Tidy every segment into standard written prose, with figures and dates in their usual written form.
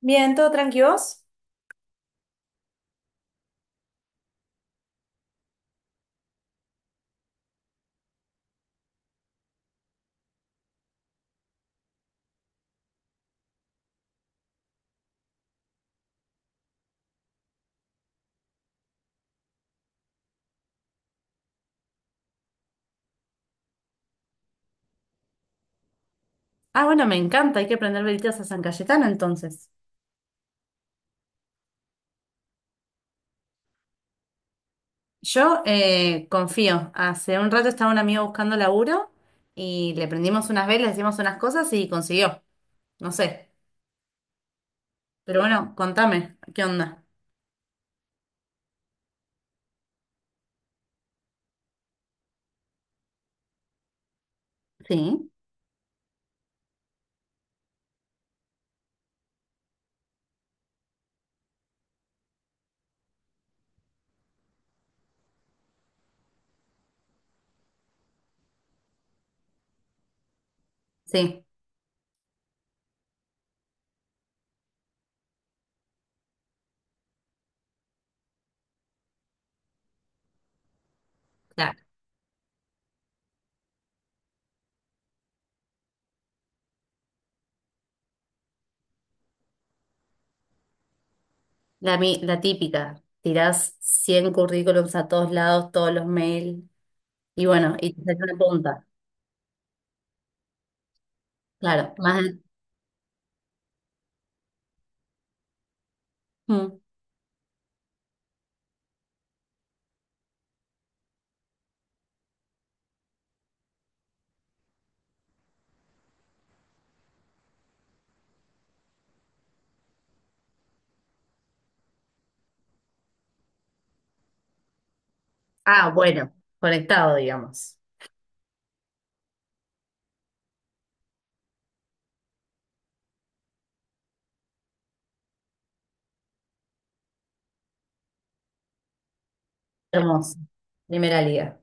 Bien, ¿todo tranqui vos? Ah, bueno, me encanta, hay que prender velitas a San Cayetano entonces. Yo confío, hace un rato estaba un amigo buscando laburo y le prendimos unas velas, hicimos unas cosas y consiguió, no sé. Pero bueno, contame, ¿qué onda? Sí, sí, la, la típica, tirás 100 currículums a todos lados, todos los mails. Y bueno, y te sale una punta, claro. Más de- Mm. Ah, bueno, conectado, digamos. Hermoso, primera liga.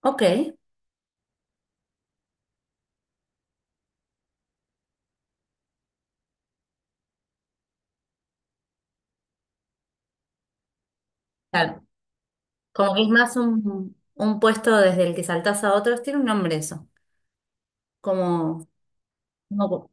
Ok, claro. Como que es más un puesto desde el que saltás a otros, tiene un nombre eso. Como, como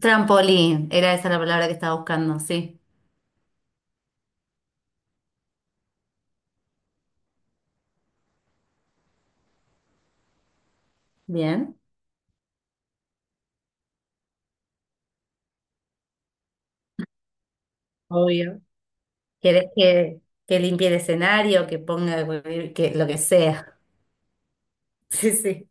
trampolín, era esa la palabra que estaba buscando, sí. Bien. Obvio. ¿Querés que limpie el escenario, que ponga, que lo que sea? Sí, sí.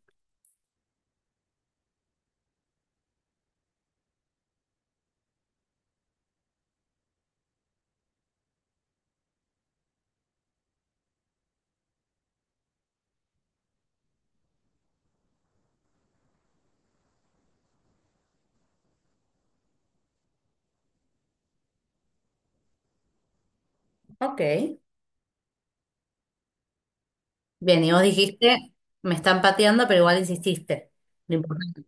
Ok. Bien, y vos dijiste, me están pateando, pero igual insististe. Lo importante.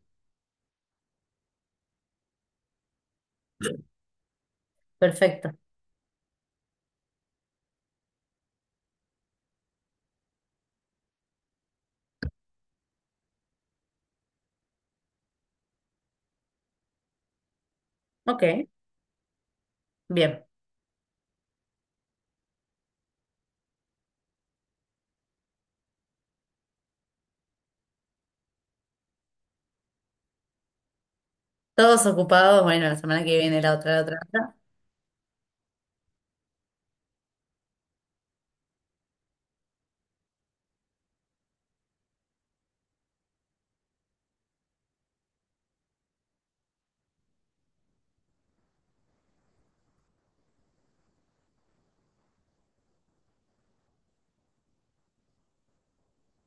Perfecto. Ok, bien. Todos ocupados, bueno, la semana que viene, la otra, la otra.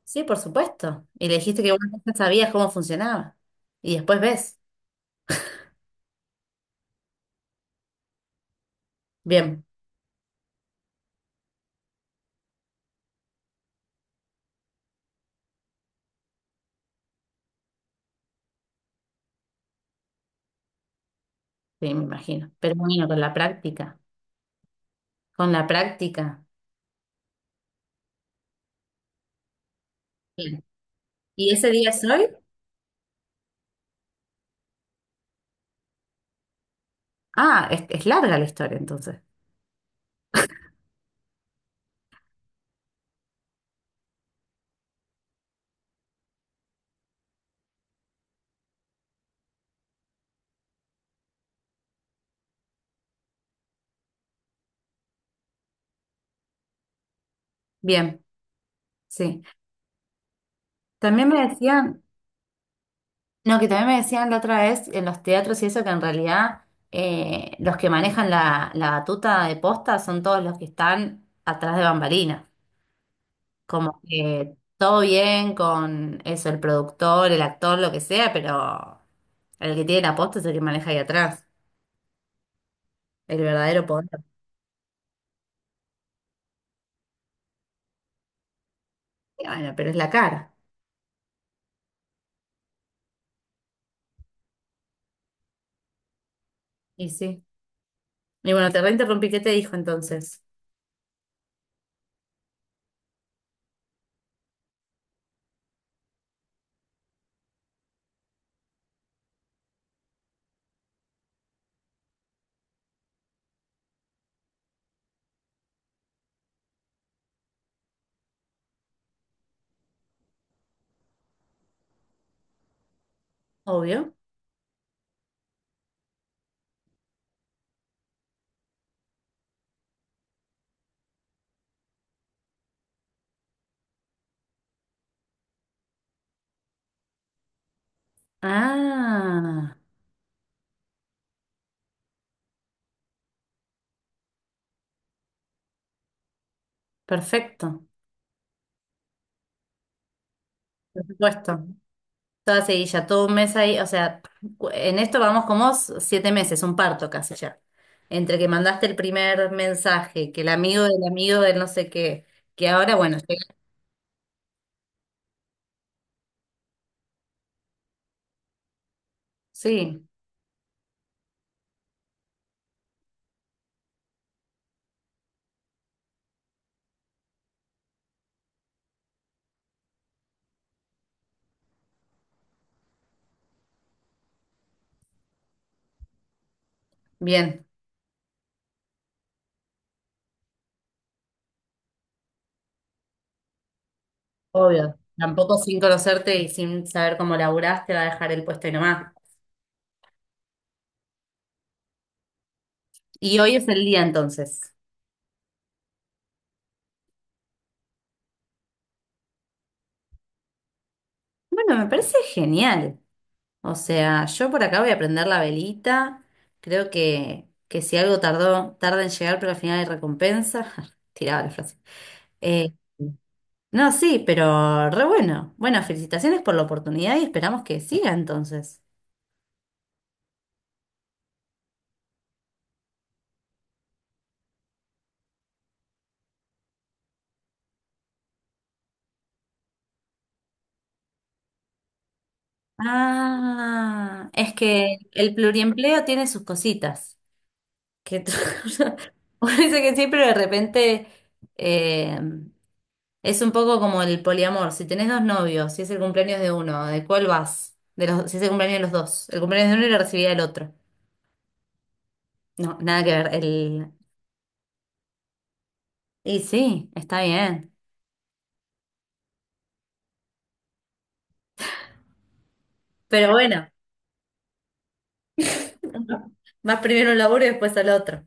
Sí, por supuesto. Y le dijiste que vos ya sabías cómo funcionaba. Y después ves. Bien, sí, me imagino. Pero bueno, con la práctica. Con la práctica. Bien. ¿Y ese día es hoy? Ah, es larga la historia entonces. Bien, sí. También me decían, no, que también me decían la otra vez en los teatros y eso que en realidad los que manejan la batuta de posta son todos los que están atrás de bambalinas. Como que todo bien con eso, el productor, el actor, lo que sea, pero el que tiene la posta es el que maneja ahí atrás. El verdadero poder. Y bueno, pero es la cara. Y sí. Y bueno, te reinterrumpí. ¿Qué te dijo entonces? Obvio. Ah, perfecto. Por supuesto. Toda seguilla, todo un mes ahí. O sea, cu- en esto vamos como s- siete meses, un parto casi ya. Entre que mandaste el primer mensaje, que el amigo del no sé qué, que ahora, bueno, llega- Sí. Bien, obvio. Tampoco sin conocerte y sin saber cómo laburás te va a dejar el puesto y nomás. Y hoy es el día entonces. Bueno, me parece genial. O sea, yo por acá voy a prender la velita. Creo que si algo tardó, tarda en llegar, pero al final hay recompensa. Tiraba la frase. Eh, no, sí, pero re bueno. Bueno, felicitaciones por la oportunidad y esperamos que siga entonces. Ah, es que el pluriempleo tiene sus cositas. Que otra cosa? Uno dice que sí, pero de repente eh, es un poco como el poliamor. Si tenés dos novios, si es el cumpleaños de uno, ¿de cuál vas? De los, si es el cumpleaños de los dos. El cumpleaños de uno y lo recibiría el otro. No, nada que ver. El... Y sí, está bien. Pero bueno, vas primero a un laburo y después al otro.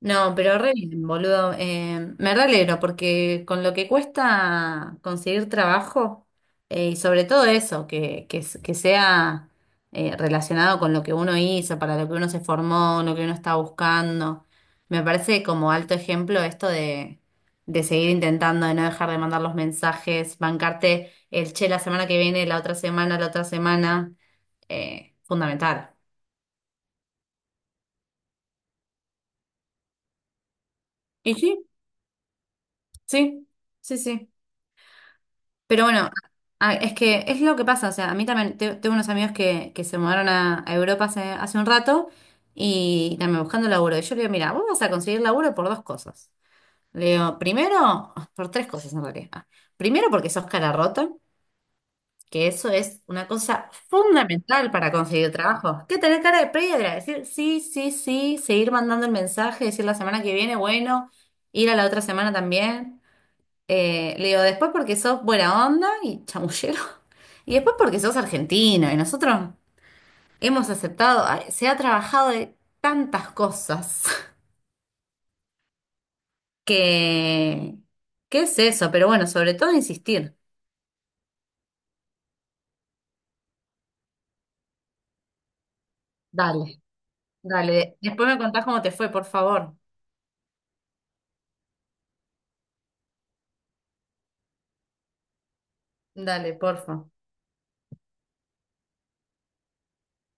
No, pero re bien, boludo. Me re alegro porque con lo que cuesta conseguir trabajo, y sobre todo eso, que, s- que sea relacionado con lo que uno hizo, para lo que uno se formó, lo que uno está buscando, me parece como alto ejemplo esto de seguir intentando, de no dejar de mandar los mensajes, bancarte el che la semana que viene, la otra semana, fundamental. Y sí, sí, sí, sí. Pero bueno, a- es que es lo que pasa, o sea, a mí también te- tengo unos amigos que se mudaron a Europa hace, hace un rato y también buscando laburo. Y yo le digo, mira, vos vas a conseguir laburo por dos cosas. Le digo, primero, por tres cosas en realidad. Ah, primero porque sos cara rota, que eso es una cosa fundamental para conseguir trabajo. Que tener cara de piedra, decir sí, sí, sí, seguir mandando el mensaje, decir la semana que viene, bueno, ir a la otra semana también. Le digo, después porque sos buena onda y chamullero. Y después porque sos argentino y nosotros hemos aceptado, ay, se ha trabajado de tantas cosas que, ¿qué es eso? Pero bueno, sobre todo insistir. Dale, dale. Después me contás cómo te fue, por favor. Dale, porfa.